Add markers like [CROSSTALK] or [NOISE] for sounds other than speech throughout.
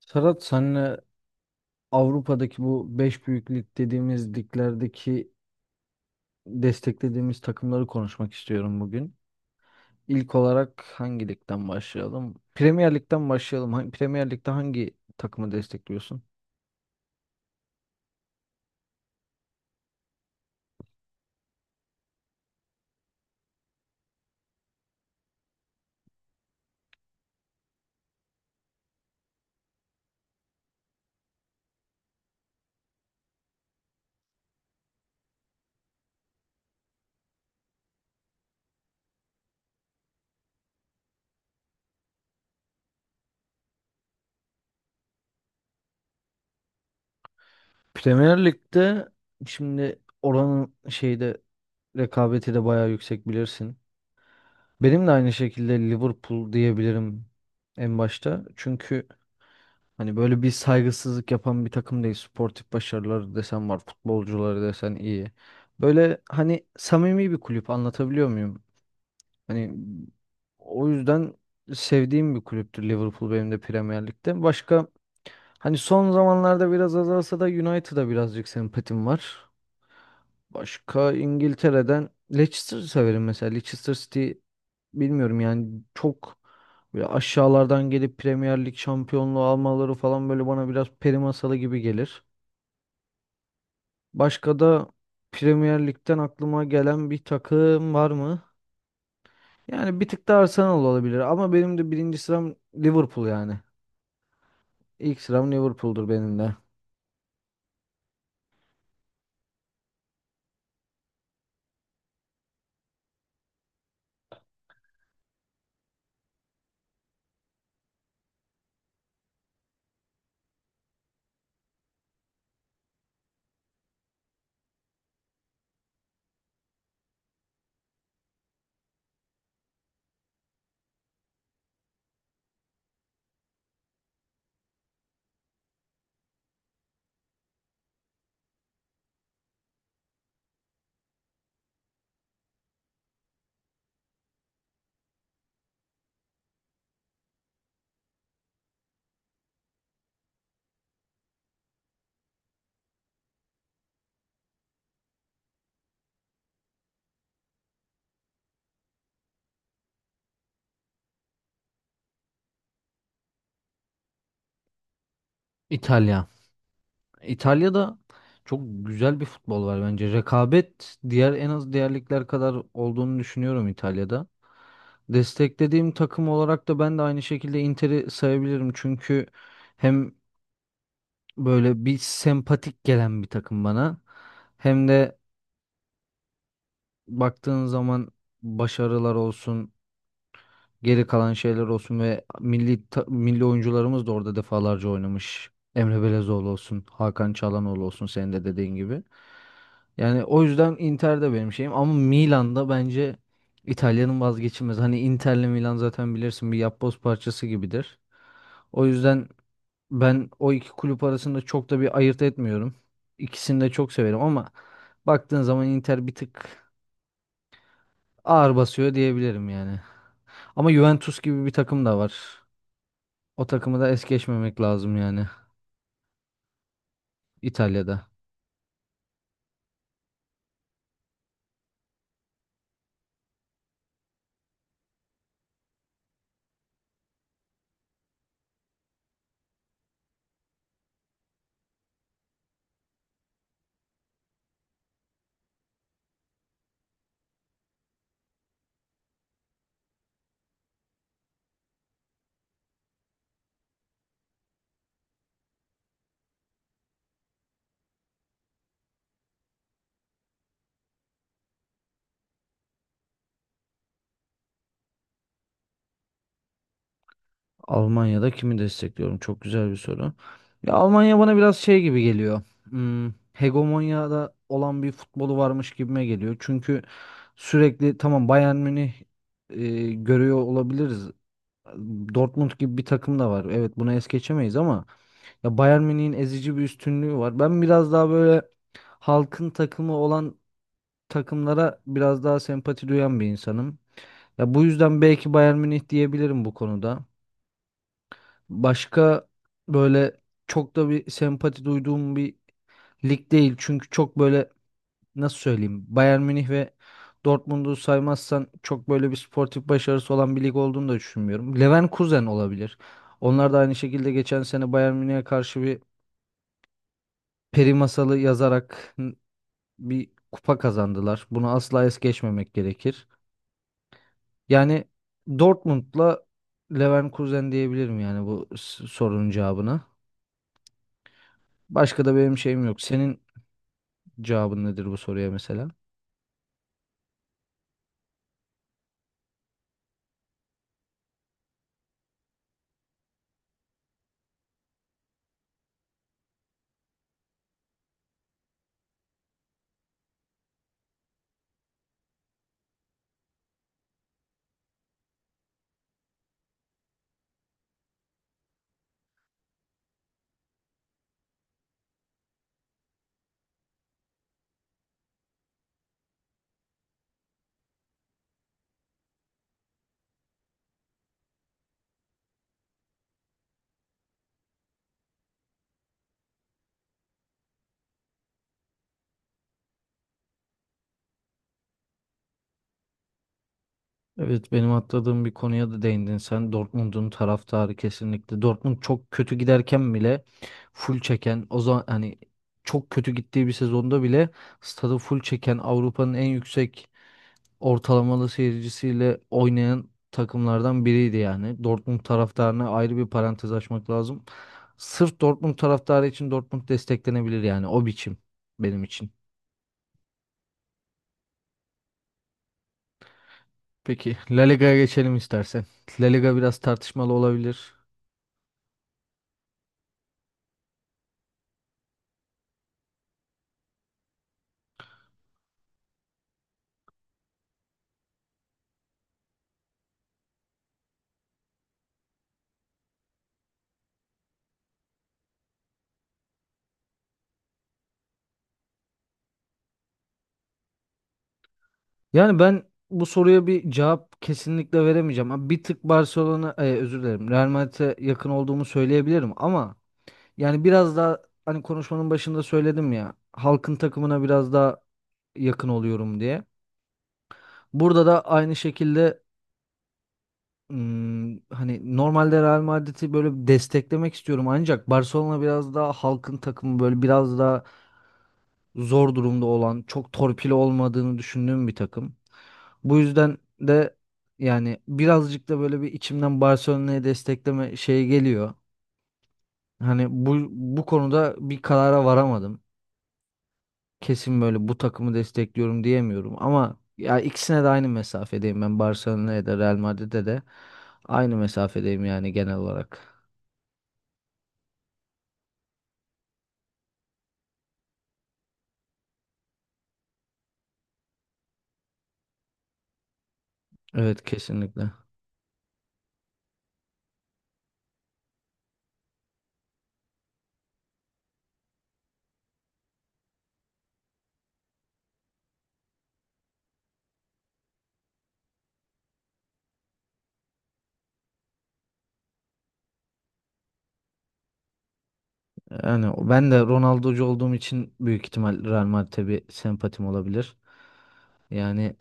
Serhat senle Avrupa'daki bu 5 büyük lig dediğimiz liglerdeki desteklediğimiz takımları konuşmak istiyorum bugün. İlk olarak hangi ligden başlayalım? Premier Lig'den başlayalım. Premier Lig'de hangi takımı destekliyorsun? Premier Lig'de şimdi oranın şeyde rekabeti de bayağı yüksek bilirsin. Benim de aynı şekilde Liverpool diyebilirim en başta. Çünkü hani böyle bir saygısızlık yapan bir takım değil. Sportif başarıları desen var, futbolcuları desen iyi. Böyle hani samimi bir kulüp, anlatabiliyor muyum? Hani o yüzden sevdiğim bir kulüptür Liverpool benim de Premier Lig'de. Başka hani son zamanlarda biraz azalsa da United'a birazcık sempatim var. Başka İngiltere'den Leicester'ı severim mesela. Leicester City, bilmiyorum yani, çok böyle aşağılardan gelip Premier Lig şampiyonluğu almaları falan böyle bana biraz peri masalı gibi gelir. Başka da Premier Lig'den aklıma gelen bir takım var mı? Yani bir tık da Arsenal olabilir ama benim de birinci sıram Liverpool yani. İlk sıram Liverpool'dur benim de. İtalya. İtalya'da çok güzel bir futbol var bence. Rekabet diğer en az diğer ligler kadar olduğunu düşünüyorum İtalya'da. Desteklediğim takım olarak da ben de aynı şekilde Inter'i sayabilirim. Çünkü hem böyle bir sempatik gelen bir takım bana, hem de baktığın zaman başarılar olsun, geri kalan şeyler olsun, ve milli milli oyuncularımız da orada defalarca oynamış. Emre Belezoğlu olsun, Hakan Çalhanoğlu olsun senin de dediğin gibi. Yani o yüzden Inter de benim şeyim ama Milan'da bence İtalya'nın vazgeçilmez. Hani Inter'le Milan zaten bilirsin bir yapboz parçası gibidir. O yüzden ben o iki kulüp arasında çok da bir ayırt etmiyorum. İkisini de çok severim ama baktığın zaman Inter bir tık ağır basıyor diyebilirim yani. Ama Juventus gibi bir takım da var. O takımı da es geçmemek lazım yani. İtalya'da. Almanya'da kimi destekliyorum? Çok güzel bir soru. Ya Almanya bana biraz şey gibi geliyor. Hmm, hegemonyada olan bir futbolu varmış gibime geliyor. Çünkü sürekli tamam Bayern Münih görüyor olabiliriz. Dortmund gibi bir takım da var. Evet bunu es geçemeyiz ama ya Bayern Münih'in ezici bir üstünlüğü var. Ben biraz daha böyle halkın takımı olan takımlara biraz daha sempati duyan bir insanım. Ya bu yüzden belki Bayern Münih diyebilirim bu konuda. Başka böyle çok da bir sempati duyduğum bir lig değil. Çünkü çok böyle, nasıl söyleyeyim, Bayern Münih ve Dortmund'u saymazsan çok böyle bir sportif başarısı olan bir lig olduğunu da düşünmüyorum. Leverkusen olabilir. Onlar da aynı şekilde geçen sene Bayern Münih'e karşı bir peri masalı yazarak bir kupa kazandılar. Bunu asla es geçmemek gerekir. Yani Dortmund'la Leverkusen diyebilirim yani bu sorunun cevabına. Başka da benim şeyim yok. Senin cevabın nedir bu soruya mesela? Evet benim atladığım bir konuya da değindin sen. Dortmund'un taraftarı kesinlikle. Dortmund çok kötü giderken bile full çeken, o zaman hani çok kötü gittiği bir sezonda bile stadı full çeken, Avrupa'nın en yüksek ortalamalı seyircisiyle oynayan takımlardan biriydi yani. Dortmund taraftarına ayrı bir parantez açmak lazım. Sırf Dortmund taraftarı için Dortmund desteklenebilir yani, o biçim benim için. Peki La Liga'ya geçelim istersen. La Liga biraz tartışmalı olabilir. Yani ben bu soruya bir cevap kesinlikle veremeyeceğim. Ha, bir tık Barcelona, özür dilerim, Real Madrid'e yakın olduğumu söyleyebilirim ama yani biraz daha, hani konuşmanın başında söyledim ya, halkın takımına biraz daha yakın oluyorum diye. Burada da aynı şekilde, hmm, hani normalde Real Madrid'i böyle desteklemek istiyorum ancak Barcelona biraz daha halkın takımı, böyle biraz daha zor durumda olan, çok torpili olmadığını düşündüğüm bir takım. Bu yüzden de yani birazcık da böyle bir içimden Barcelona'yı destekleme şeyi geliyor. Hani bu konuda bir karara varamadım. Kesin böyle bu takımı destekliyorum diyemiyorum ama ya ikisine de aynı mesafedeyim, ben Barcelona'ya da Real Madrid'e de aynı mesafedeyim yani genel olarak. Evet kesinlikle. Yani ben de Ronaldo'cu olduğum için büyük ihtimal Real Madrid'e bir sempatim olabilir. Yani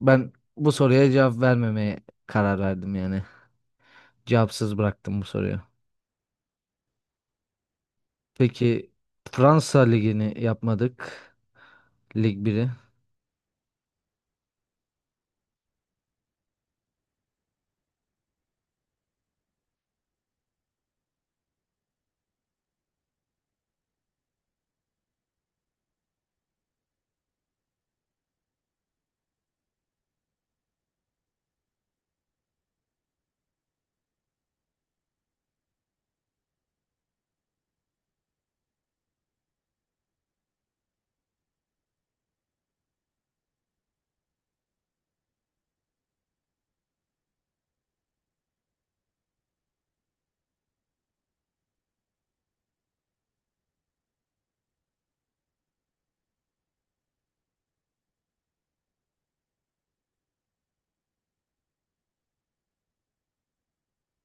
ben bu soruya cevap vermemeye karar verdim yani. Cevapsız bıraktım bu soruyu. Peki Fransa Ligi'ni yapmadık. Lig biri.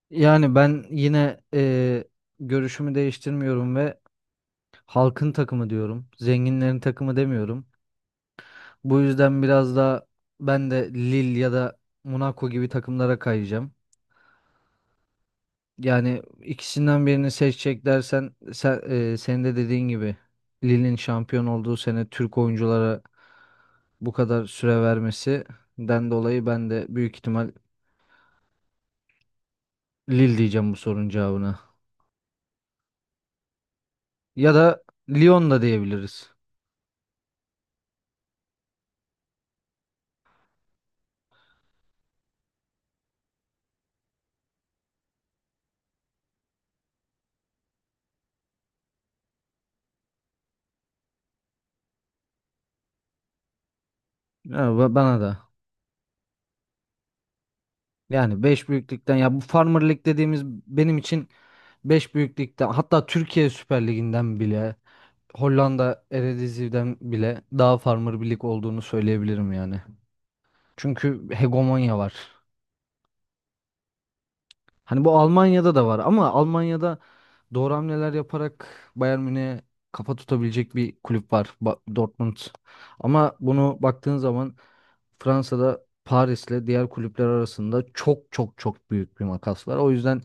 Yani ben yine görüşümü değiştirmiyorum ve halkın takımı diyorum. Zenginlerin takımı demiyorum. Bu yüzden biraz da ben de Lille ya da Monaco gibi takımlara kayacağım. Yani ikisinden birini seçecek dersen sen, senin de dediğin gibi Lille'in şampiyon olduğu sene Türk oyunculara bu kadar süre vermesinden dolayı ben de büyük ihtimal Lille diyeceğim bu sorunun cevabına. Ya da Lyon da diyebiliriz. Ya, bana da. Yani 5 büyüklükten, ya bu Farmer Lig dediğimiz benim için, beş büyük ligden, hatta Türkiye Süper Ligi'nden bile, Hollanda Eredivisie'den bile daha farmer bir lig olduğunu söyleyebilirim yani. Çünkü hegemonya var. Hani bu Almanya'da da var ama Almanya'da doğru hamleler yaparak Bayern Münih'e kafa tutabilecek bir kulüp var, Dortmund. Ama bunu baktığın zaman Fransa'da Paris'le diğer kulüpler arasında çok çok çok büyük bir makas var. O yüzden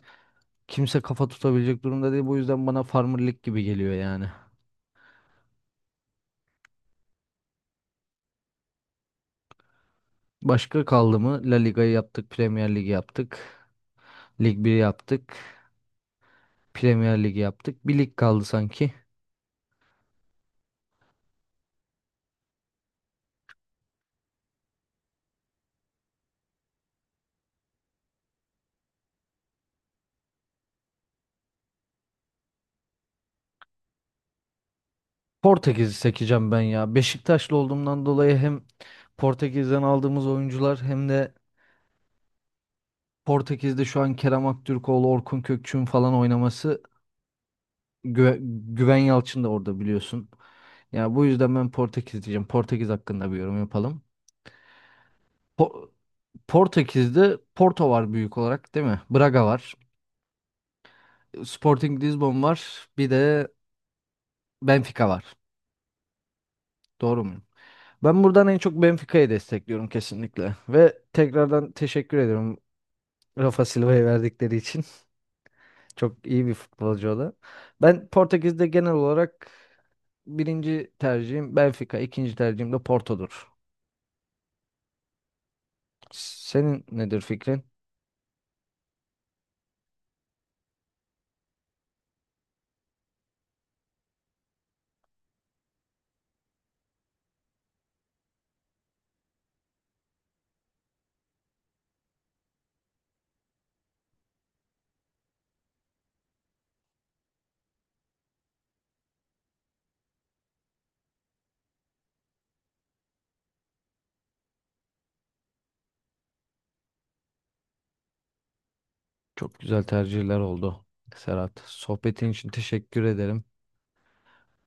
kimse kafa tutabilecek durumda değil. Bu yüzden bana Farmer Lig gibi geliyor yani. Başka kaldı mı? La Liga'yı yaptık, Premier Lig'i yaptık. Lig biri yaptık, Premier Lig'i yaptık. Bir lig kaldı sanki. Portekiz'i seçeceğim ben ya. Beşiktaşlı olduğumdan dolayı hem Portekiz'den aldığımız oyuncular, hem de Portekiz'de şu an Kerem Aktürkoğlu, Orkun Kökçü'nün falan oynaması, Gü- Güven Yalçın da orada biliyorsun. Ya bu yüzden ben Portekiz diyeceğim. Portekiz hakkında bir yorum yapalım. Po- Portekiz'de Porto var büyük olarak, değil mi? Braga var. Sporting Lisbon var. Bir de Benfica var. Doğru muyum? Ben buradan en çok Benfica'yı destekliyorum kesinlikle. Ve tekrardan teşekkür ediyorum Rafa Silva'ya verdikleri için. [LAUGHS] Çok iyi bir futbolcu o da. Ben Portekiz'de genel olarak birinci tercihim Benfica, ikinci tercihim de Porto'dur. Senin nedir fikrin? Çok güzel tercihler oldu Serhat. Sohbetin için teşekkür ederim.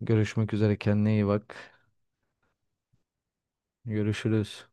Görüşmek üzere, kendine iyi bak. Görüşürüz.